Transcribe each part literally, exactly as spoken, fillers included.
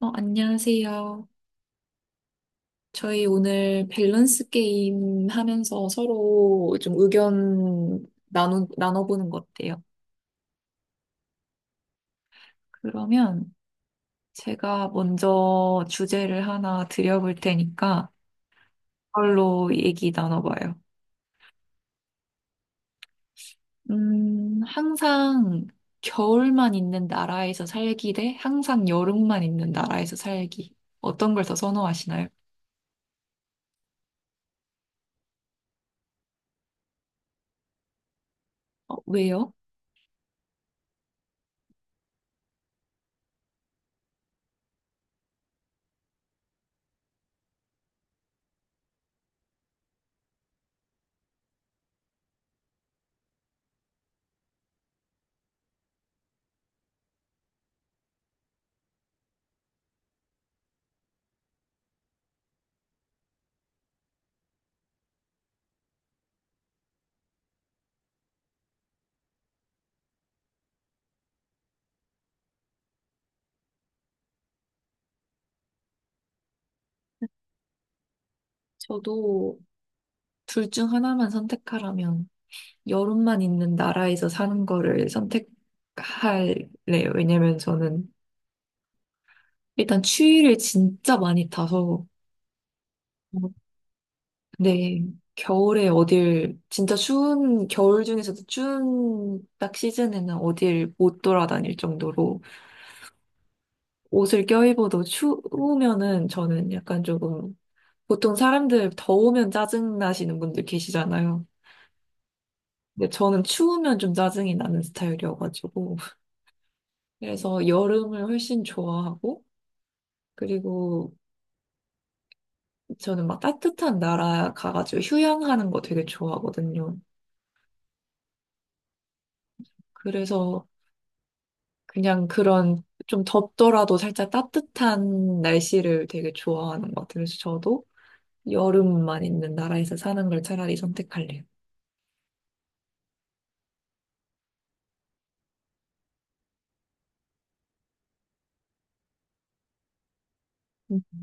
어, 안녕하세요. 저희 오늘 밸런스 게임 하면서 서로 좀 의견 나누, 나눠보는 거 어때요? 그러면 제가 먼저 주제를 하나 드려볼 테니까 그걸로 얘기 나눠봐요. 음, 항상 겨울만 있는 나라에서 살기 대 항상 여름만 있는 나라에서 살기. 어떤 걸 더 선호하시나요? 어, 왜요? 저도 둘 중 하나만 선택하라면 여름만 있는 나라에서 사는 거를 선택할래요. 왜냐면 저는 일단 추위를 진짜 많이 타서, 어, 네, 겨울에 어딜, 진짜 추운, 겨울 중에서도 추운 딱 시즌에는 어딜 못 돌아다닐 정도로 옷을 껴입어도 추우면은 저는 약간 조금, 보통 사람들 더우면 짜증 나시는 분들 계시잖아요. 근데 저는 추우면 좀 짜증이 나는 스타일이어가지고. 그래서 여름을 훨씬 좋아하고, 그리고 저는 막 따뜻한 나라 가가지고 휴양하는 거 되게 좋아하거든요. 그래서 그냥 그런 좀 덥더라도 살짝 따뜻한 날씨를 되게 좋아하는 것 같아요. 그래서 저도 여름만 있는 나라에서 사는 걸 차라리 선택할래요. 음,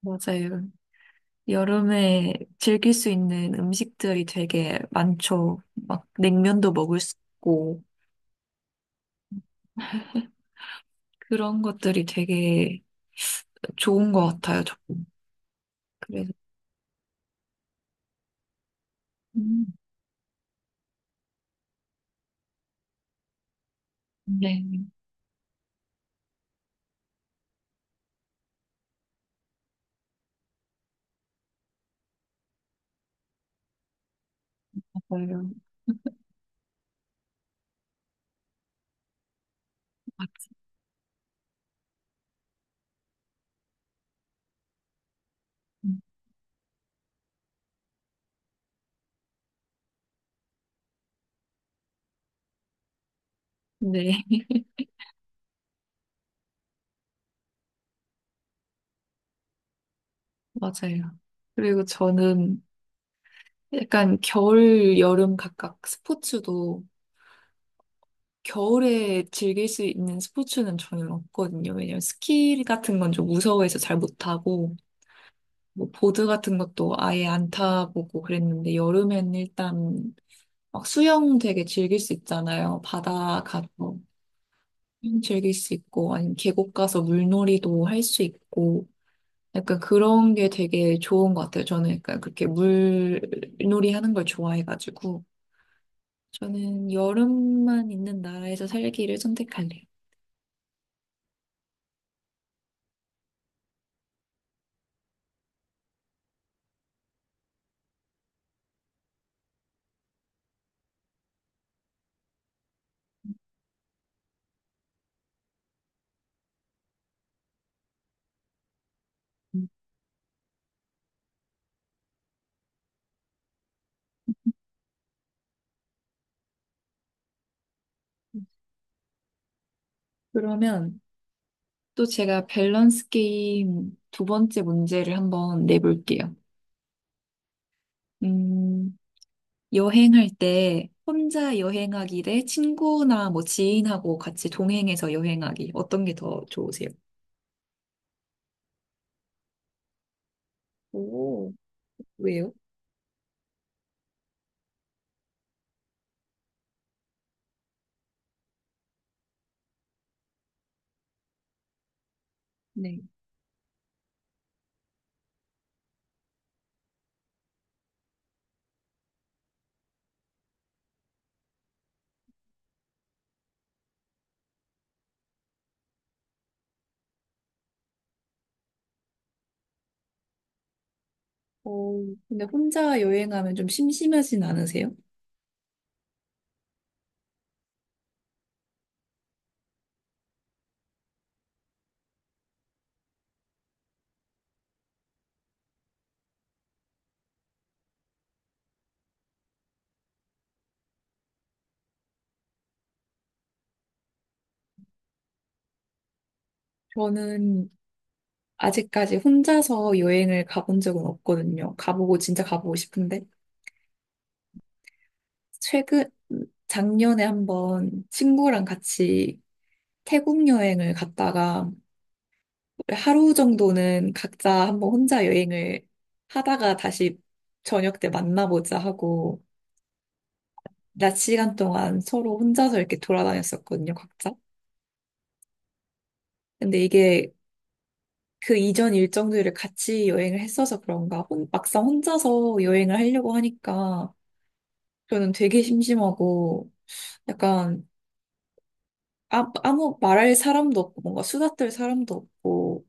맞아요. 여름에 즐길 수 있는 음식들이 되게 많죠. 막 냉면도 먹을 수 있고 그런 것들이 되게 좋은 것 같아요, 저는. 그래서 음. 네, 맞아요. 아, 네, 맞아요. 그리고 저는 약간 겨울, 여름 각각 스포츠도 겨울에 즐길 수 있는 스포츠는 저는 없거든요. 왜냐면 스키 같은 건 좀 무서워해서 잘 못하고, 뭐 보드 같은 것도 아예 안 타보고 그랬는데, 여름엔 일단 막 수영 되게 즐길 수 있잖아요. 바다 가서 수영 즐길 수 있고, 아니면 계곡 가서 물놀이도 할 수 있고, 약간 그런 게 되게 좋은 것 같아요. 저는 약간 그렇게 물놀이 하는 걸 좋아해가지고. 저는 여름만 있는 나라에서 살기를 선택할래요. 음. 그러면 또 제가 밸런스 게임 두 번째 문제를 한번 내볼게요. 음, 여행할 때 혼자 여행하기 대 친구나 뭐 지인하고 같이 동행해서 여행하기. 어떤 게 더 좋으세요? 오, 왜요? 네. 어, 근데 혼자 여행하면 좀 심심하진 않으세요? 저는 아직까지 혼자서 여행을 가본 적은 없거든요. 가보고 진짜 가보고 싶은데 최근 작년에 한번 친구랑 같이 태국 여행을 갔다가 하루 정도는 각자 한번 혼자 여행을 하다가 다시 저녁 때 만나보자 하고 낮 시간 동안 서로 혼자서 이렇게 돌아다녔었거든요, 각자. 근데 이게 그 이전 일정들을 같이 여행을 했어서 그런가 혼- 막상 혼자서 여행을 하려고 하니까 저는 되게 심심하고 약간 아, 아무 말할 사람도 없고 뭔가 수다 떨 사람도 없고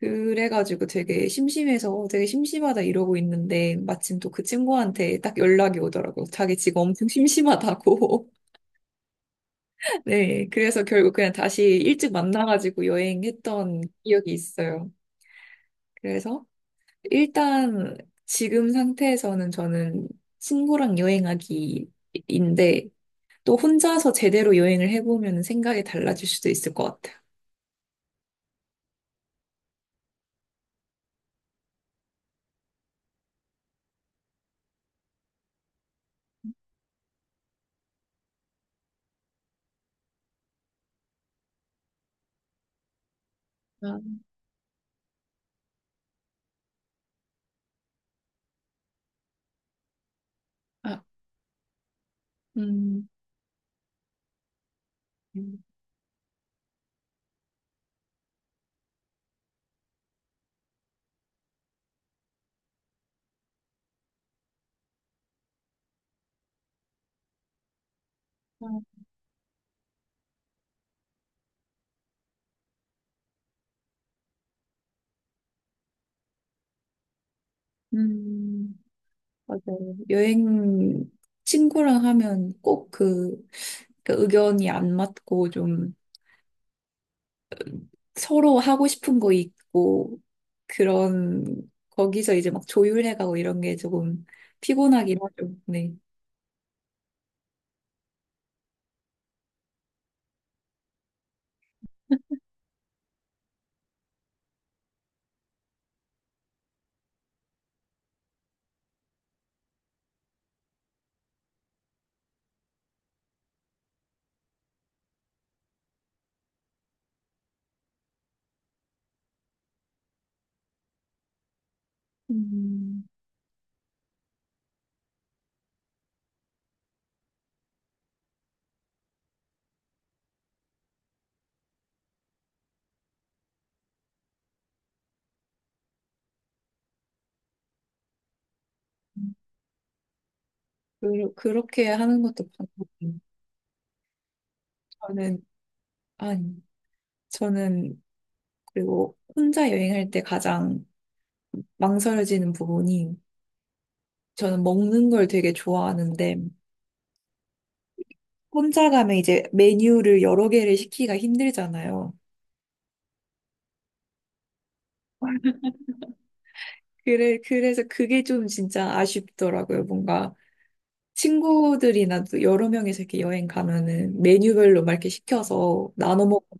그래가지고 되게 심심해서 어, 되게 심심하다 이러고 있는데 마침 또 그 친구한테 딱 연락이 오더라고요. 자기 지금 엄청 심심하다고. 네, 그래서 결국 그냥 다시 일찍 만나가지고 여행했던 기억이 있어요. 그래서 일단 지금 상태에서는 저는 친구랑 여행하기인데 또 혼자서 제대로 여행을 해보면 생각이 달라질 수도 있을 것 같아요. 아, 아, 음, 음, 아, 음, 맞아요. 여행 친구랑 하면 꼭 그, 그 의견이 안 맞고 좀 서로 하고 싶은 거 있고 그런 거기서 이제 막 조율해가고 이런 게 조금 피곤하긴 하죠. 네. 음, 그, 그렇게 하는 것도 방법이에요. 저는, 아니, 저는 그리고 혼자 여행할 때 가장 망설여지는 부분이 저는 먹는 걸 되게 좋아하는데 혼자 가면 이제 메뉴를 여러 개를 시키기가 힘들잖아요. 그래, 그래서 그게 좀 진짜 아쉽더라고요. 뭔가 친구들이나 또 여러 명이서 이렇게 여행 가면은 메뉴별로 막 이렇게 시켜서 나눠 먹고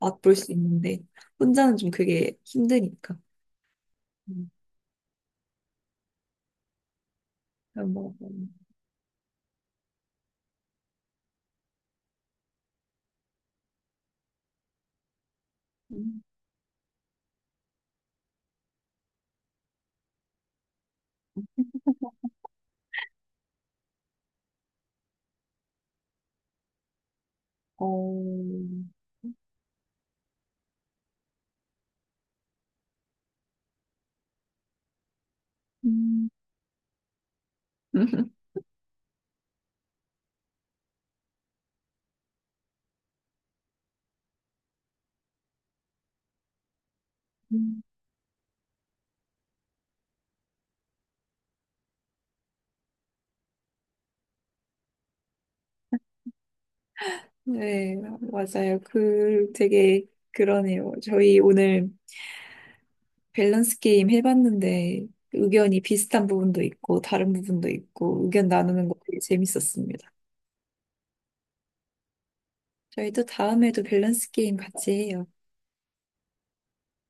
맛볼 수 있는데 혼자는 좀 그게 힘드니까. 음, 그냥 뭐, 음, 어, 음. 네, 맞아요. 그 되게 그러네요. 저희 오늘 밸런스 게임 해봤는데 의견이 비슷한 부분도 있고 다른 부분도 있고 의견 나누는 거 되게 재밌었습니다. 저희 도 다음에도 밸런스 게임 같이 해요.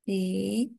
네.